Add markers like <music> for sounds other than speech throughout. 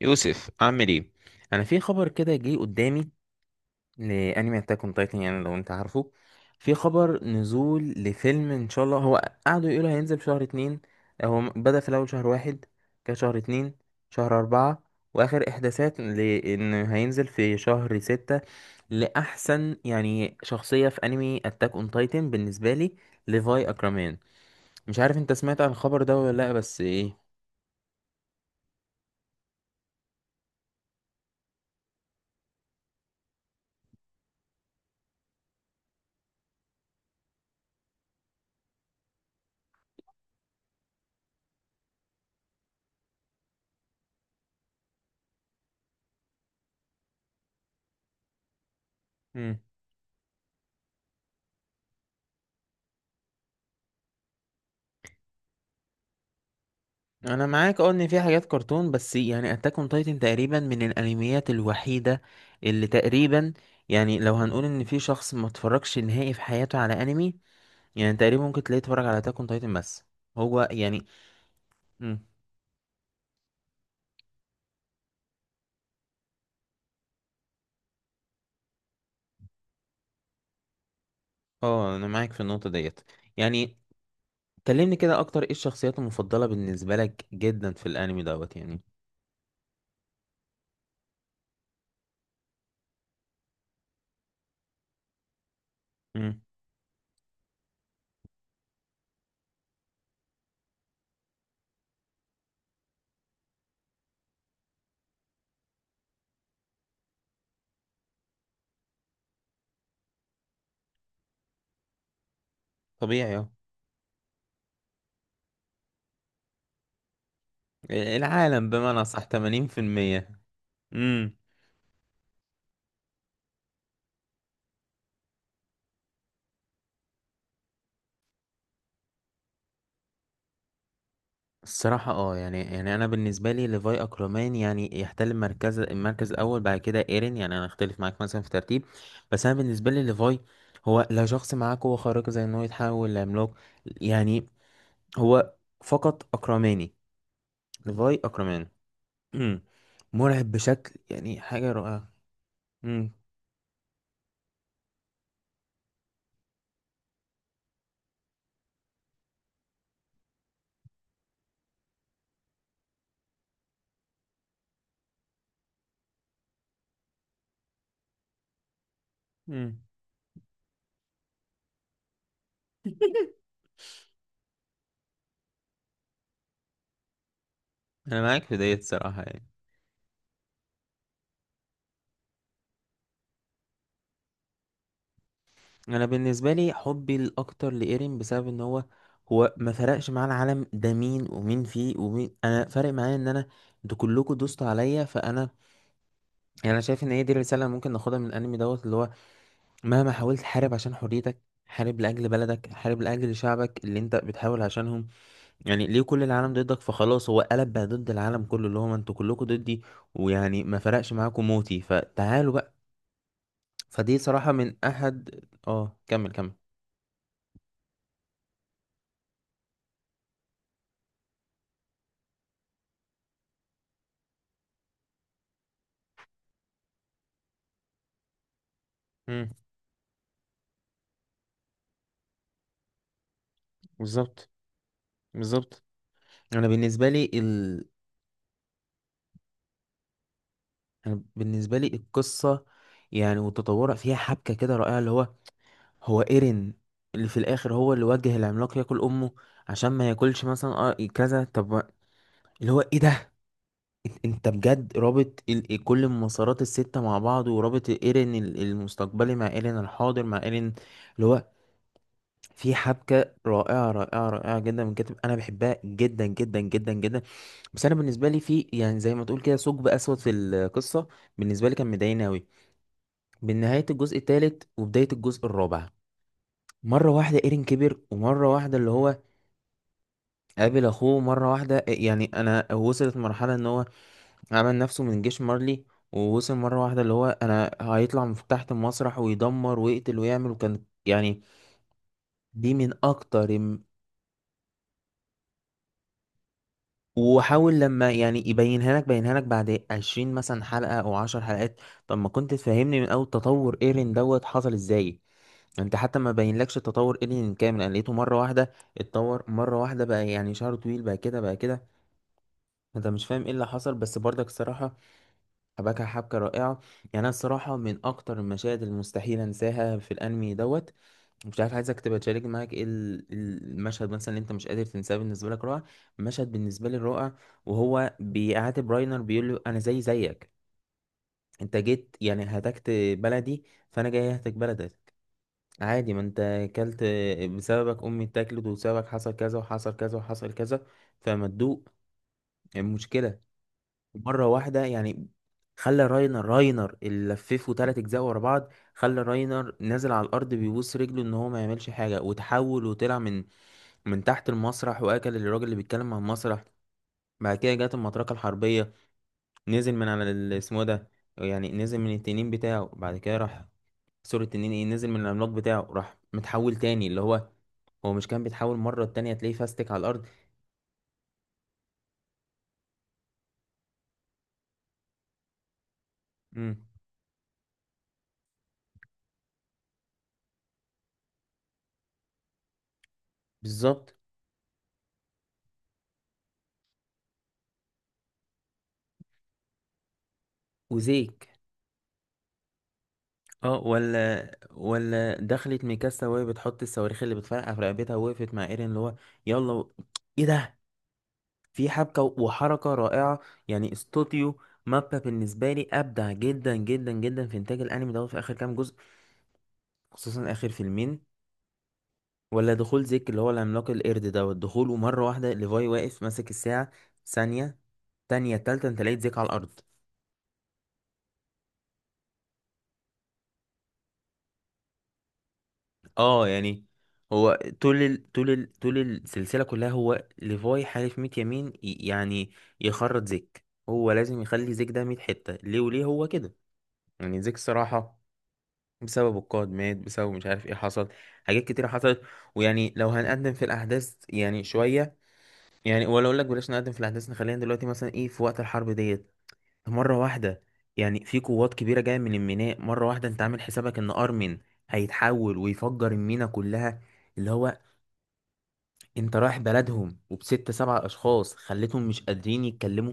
يوسف، عامل ايه؟ انا في خبر كده جه قدامي لانمي اتاك اون تايتن، يعني لو انت عارفه. في خبر نزول لفيلم ان شاء الله. هو قعدوا يقولوا هينزل في شهر اتنين. هو بدأ في الاول شهر واحد، كان شهر اتنين، شهر اربعة، واخر احداثات لان هينزل في شهر ستة. لاحسن يعني شخصية في انمي اتاك اون تايتن بالنسبة لي ليفاي اكرمان. مش عارف انت سمعت عن الخبر ده ولا لا، بس ايه. انا معاك، اه، ان في حاجات كرتون، بس يعني اتاك اون تايتن تقريبا من الانميات الوحيده اللي تقريبا، يعني لو هنقول ان في شخص ما اتفرجش نهائي في حياته على انمي، يعني تقريبا ممكن تلاقيه اتفرج على اتاك اون تايتن بس. هو يعني مم. اه، انا معاك في النقطه ديت، يعني كلمني كده اكتر، ايه الشخصيات المفضله بالنسبه لك جدا في الانمي دوت؟ يعني مم. طبيعي، اه. العالم بمعنى صح 80%. امم الصراحة، اه يعني، أنا بالنسبة لي ليفاي أكرومان، يعني يحتل المركز الأول بعد كده إيرين. يعني أنا أختلف معاك مثلا في ترتيب، بس أنا بالنسبة لي ليفاي، هو لا شخص معاه قوة خارقة زي إن هو يتحول لعملاق، يعني هو فقط أكرماني، ليفاي أكرمان. مم. <clears throat> مرعب، بشكل يعني حاجة رائعة. مم. مم. أنا معاك في ديت، الصراحة يعني. انا بالنسبه لي حبي الاكتر لايرين بسبب ان هو ما فرقش معاه العالم ده، مين ومين فيه ومين، انا فارق معايا ان انا انتوا كلكم دوستوا عليا، فانا يعني، انا شايف ان هي دي الرساله اللي ممكن ناخدها من الانمي دوت، اللي هو مهما حاولت حارب عشان حريتك، حارب لاجل بلدك، حارب لاجل شعبك اللي انت بتحاول عشانهم، يعني ليه كل العالم ضدك؟ فخلاص هو قلب بقى ضد العالم كله، اللي هو ما انتوا كلكم ضدي، ويعني ما فرقش معاكم موتي فتعالوا بقى. فدي صراحه من احد. اه، كمل كمل. امم بالظبط، بالظبط. انا بالنسبه لي أنا بالنسبه لي القصه، يعني وتطورها فيها حبكه كده رائعه، اللي هو هو ايرين اللي في الاخر هو اللي وجه العملاق ياكل امه عشان ما ياكلش مثلا، كذا. طب ما- اللي هو ايه ده، انت بجد رابط كل المسارات السته مع بعض، ورابط ايرين المستقبلي مع ايرين الحاضر مع ايرين، اللي هو في حبكه رائعه رائعه رائعه جدا، من كتب انا بحبها جدا جدا جدا جدا. بس انا بالنسبه لي في، يعني زي ما تقول كده، ثقب اسود في القصه بالنسبه لي كان مضايقني قوي من نهايه الجزء الثالث وبدايه الجزء الرابع. مره واحده ايرين كبر، ومره واحده اللي هو قابل اخوه مره واحده، يعني انا وصلت مرحله ان هو عمل نفسه من جيش مارلي، ووصل مره واحده اللي هو انا هيطلع من تحت المسرح ويدمر ويقتل ويعمل، وكان يعني دي من اكتر. وحاول لما يعني يبينها لك بينها لك بعد 20 مثلا حلقة او 10 حلقات. طب ما كنت تفهمني من اول تطور ايرين دوت حصل ازاي؟ انت حتى ما بينلكش تطور ايرين كامل، انا لقيته مرة واحدة اتطور مرة واحدة بقى، يعني شعره طويل بقى كده بقى كده. انت مش فاهم ايه اللي حصل، بس برضك الصراحة حبكها حبكة رائعة، يعني انا الصراحة من اكتر المشاهد المستحيل انساها في الانمي دوت. مش عارف، عايزك تبقى تشارك معاك ايه المشهد مثلا اللي انت مش قادر تنساه، بالنسبه لك رائع. مشهد بالنسبه لي رائع، وهو بيعاتب راينر، بيقول له انا زي زيك. انت جيت يعني هتكت بلدي، فانا جاي اهتك بلدك. عادي، ما انت اكلت، بسببك امي اتاكلت، وبسببك حصل كذا وحصل كذا وحصل كذا، فما تدوق المشكله مره واحده، يعني خلى راينر اللي لففه تلات اجزاء ورا بعض، خلى راينر نازل على الارض بيبوس رجله ان هو ما يعملش حاجه، وتحول وطلع من تحت المسرح واكل الراجل اللي بيتكلم عن المسرح. بعد كده جت المطرقه الحربيه، نزل من على اسمه ده، يعني نزل من التنين بتاعه. بعد كده راح، سوري التنين ايه، نزل من العملاق بتاعه، راح متحول تاني، اللي هو هو مش كان بيتحول مره التانية تلاقيه فاستك على الارض. امم بالظبط. وزيك، اه، ولا دخلت ميكاسا وهي بتحط الصواريخ اللي بتفرقع في رقبتها، ووقفت مع ايرين، اللي هو يلا ايه ده، في حبكة وحركة رائعة. يعني استوديو مابا بالنسبة لي أبدع جدا جدا جدا في إنتاج الأنمي دوت في آخر كام جزء، خصوصا آخر فيلمين. ولا دخول زيك اللي هو العملاق القرد دوت، دخوله مرة واحدة، ليفاي واقف ماسك الساعة، ثانية، تانية، تالتة، أنت لقيت زيك على الأرض. أه يعني، هو طول السلسلة كلها، هو ليفاي حالف 100 يمين، يعني يخرط زيك، هو لازم يخلي زيك ده 100 حتة ليه، وليه هو كده؟ يعني زيك، الصراحة بسبب القائد مات، بسبب مش عارف ايه حصل، حاجات كتيرة حصلت. ويعني لو هنقدم في الأحداث يعني شوية، يعني ولا أقول لك بلاش نقدم في الأحداث، نخلينا دلوقتي مثلا ايه في وقت الحرب ديت. مرة واحدة، يعني في قوات كبيرة جاية من الميناء مرة واحدة، أنت عامل حسابك إن أرمن هيتحول ويفجر المينا كلها، اللي هو أنت رايح بلدهم وبست سبع أشخاص خليتهم مش قادرين يتكلموا.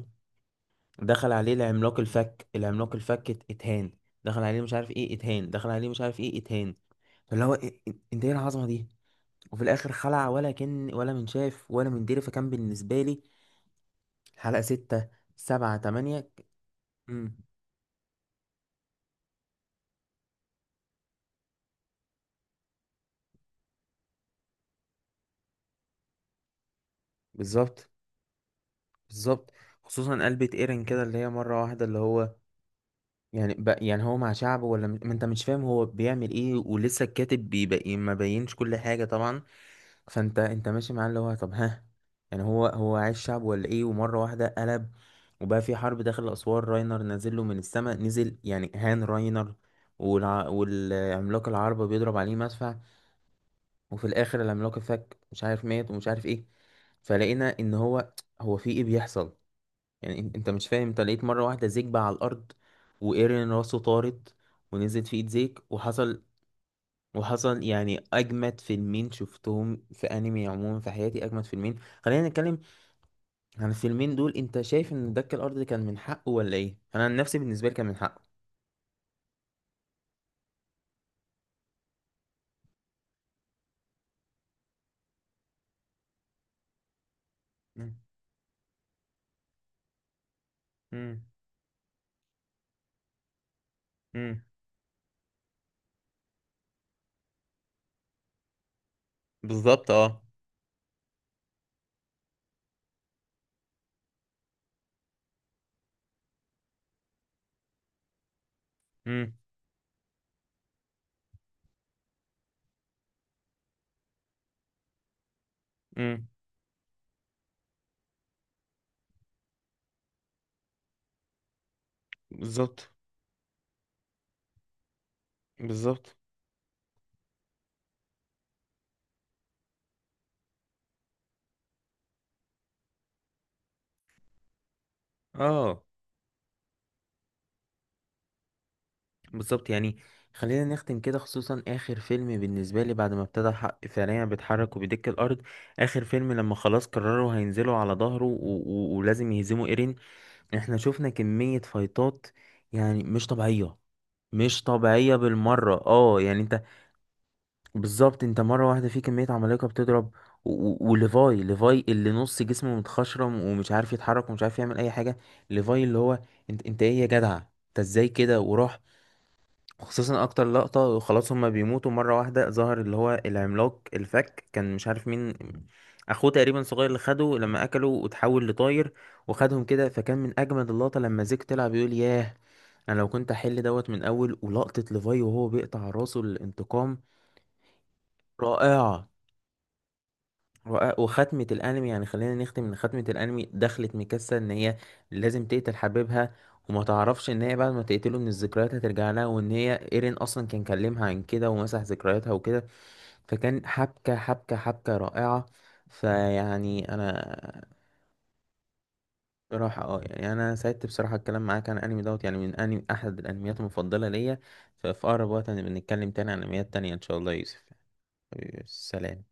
دخل عليه العملاق الفك، العملاق الفك، اتهان، دخل عليه مش عارف ايه اتهان، دخل عليه مش عارف ايه اتهان، اللي هو إيه، انت ايه العظمه دي؟ وفي الاخر خلع، ولا كان ولا من شاف ولا من دري، فكان بالنسبه لي حلقه ستة، سبعة، تمانية. امم بالظبط. بالظبط، خصوصا قلبة ايرن كده، اللي هي مره واحده اللي هو يعني يعني هو مع شعبه، ولا ما انت مش فاهم هو بيعمل ايه، ولسه الكاتب بيبقى ايه، ما بينش كل حاجة طبعا. فانت ماشي معاه اللي هو طب ها، يعني هو عايش شعب ولا ايه؟ ومرة واحدة قلب، وبقى في حرب داخل أسوار، راينر نازل له من السماء، نزل يعني هان راينر. والعملاق العربة بيضرب عليه مدفع، وفي الآخر العملاق الفك مش عارف مات ومش عارف ايه. فلقينا ان هو هو في ايه بيحصل، يعني انت مش فاهم، انت لقيت مرة واحدة زيك بقى على الأرض، وإيرين راسه طارت ونزلت في ايد زيك، وحصل وحصل، يعني أجمد فيلمين شفتهم في أنمي عموما في حياتي، أجمد فيلمين. خلينا نتكلم عن الفيلمين دول. انت شايف ان دك الأرض كان من حقه ولا ايه؟ أنا عن نفسي بالنسبة لي كان من حقه. مم. مم. مم. بالظبط، اه. مم. مم. بالظبط. بالظبط، اه. بالظبط. يعني خلينا نختم كده، خصوصا اخر فيلم بالنسبه لي بعد ما ابتدى الحق فعليا بيتحرك وبيدك الارض. اخر فيلم لما خلاص قرروا هينزلوا على ظهره ولازم يهزموا ايرين. احنا شفنا كميه فايتات يعني مش طبيعيه، مش طبيعيه بالمره، اه يعني انت، بالظبط. انت مره واحده في كميه عمالقه بتضرب، ليفاي اللي نص جسمه متخشرم ومش عارف يتحرك ومش عارف يعمل اي حاجه. ليفاي اللي هو انت ايه يا جدع، انت ازاي كده؟ وراح، خصوصا اكتر لقطة، وخلاص هما بيموتوا مرة واحدة ظهر اللي هو العملاق الفك، كان مش عارف مين، اخوه تقريبا صغير، اللي خده لما اكله وتحول لطاير وخدهم كده. فكان من اجمد اللقطة لما زيك طلع بيقول ياه، انا لو كنت احل دوت من اول، ولقطة ليفاي وهو بيقطع راسه، الانتقام، رائعة. وختمة الأنمي، يعني خلينا نختم إن ختمة الأنمي دخلت ميكاسا إن هي لازم تقتل حبيبها، وما تعرفش إن هي بعد ما تقتله إن الذكريات هترجع لها، وإن هي إيرين أصلا كان كلمها عن كده ومسح ذكرياتها وكده، فكان حبكة حبكة حبكة رائعة. فيعني أنا راح، اه يعني، أنا سعدت بصراحة الكلام معاك عن الأنمي دوت. يعني من أنمي، أحد الأنميات المفضلة ليا. ففي أقرب وقت هنبقى نتكلم تاني عن أنميات تانية إن شاء الله يا يوسف. سلام.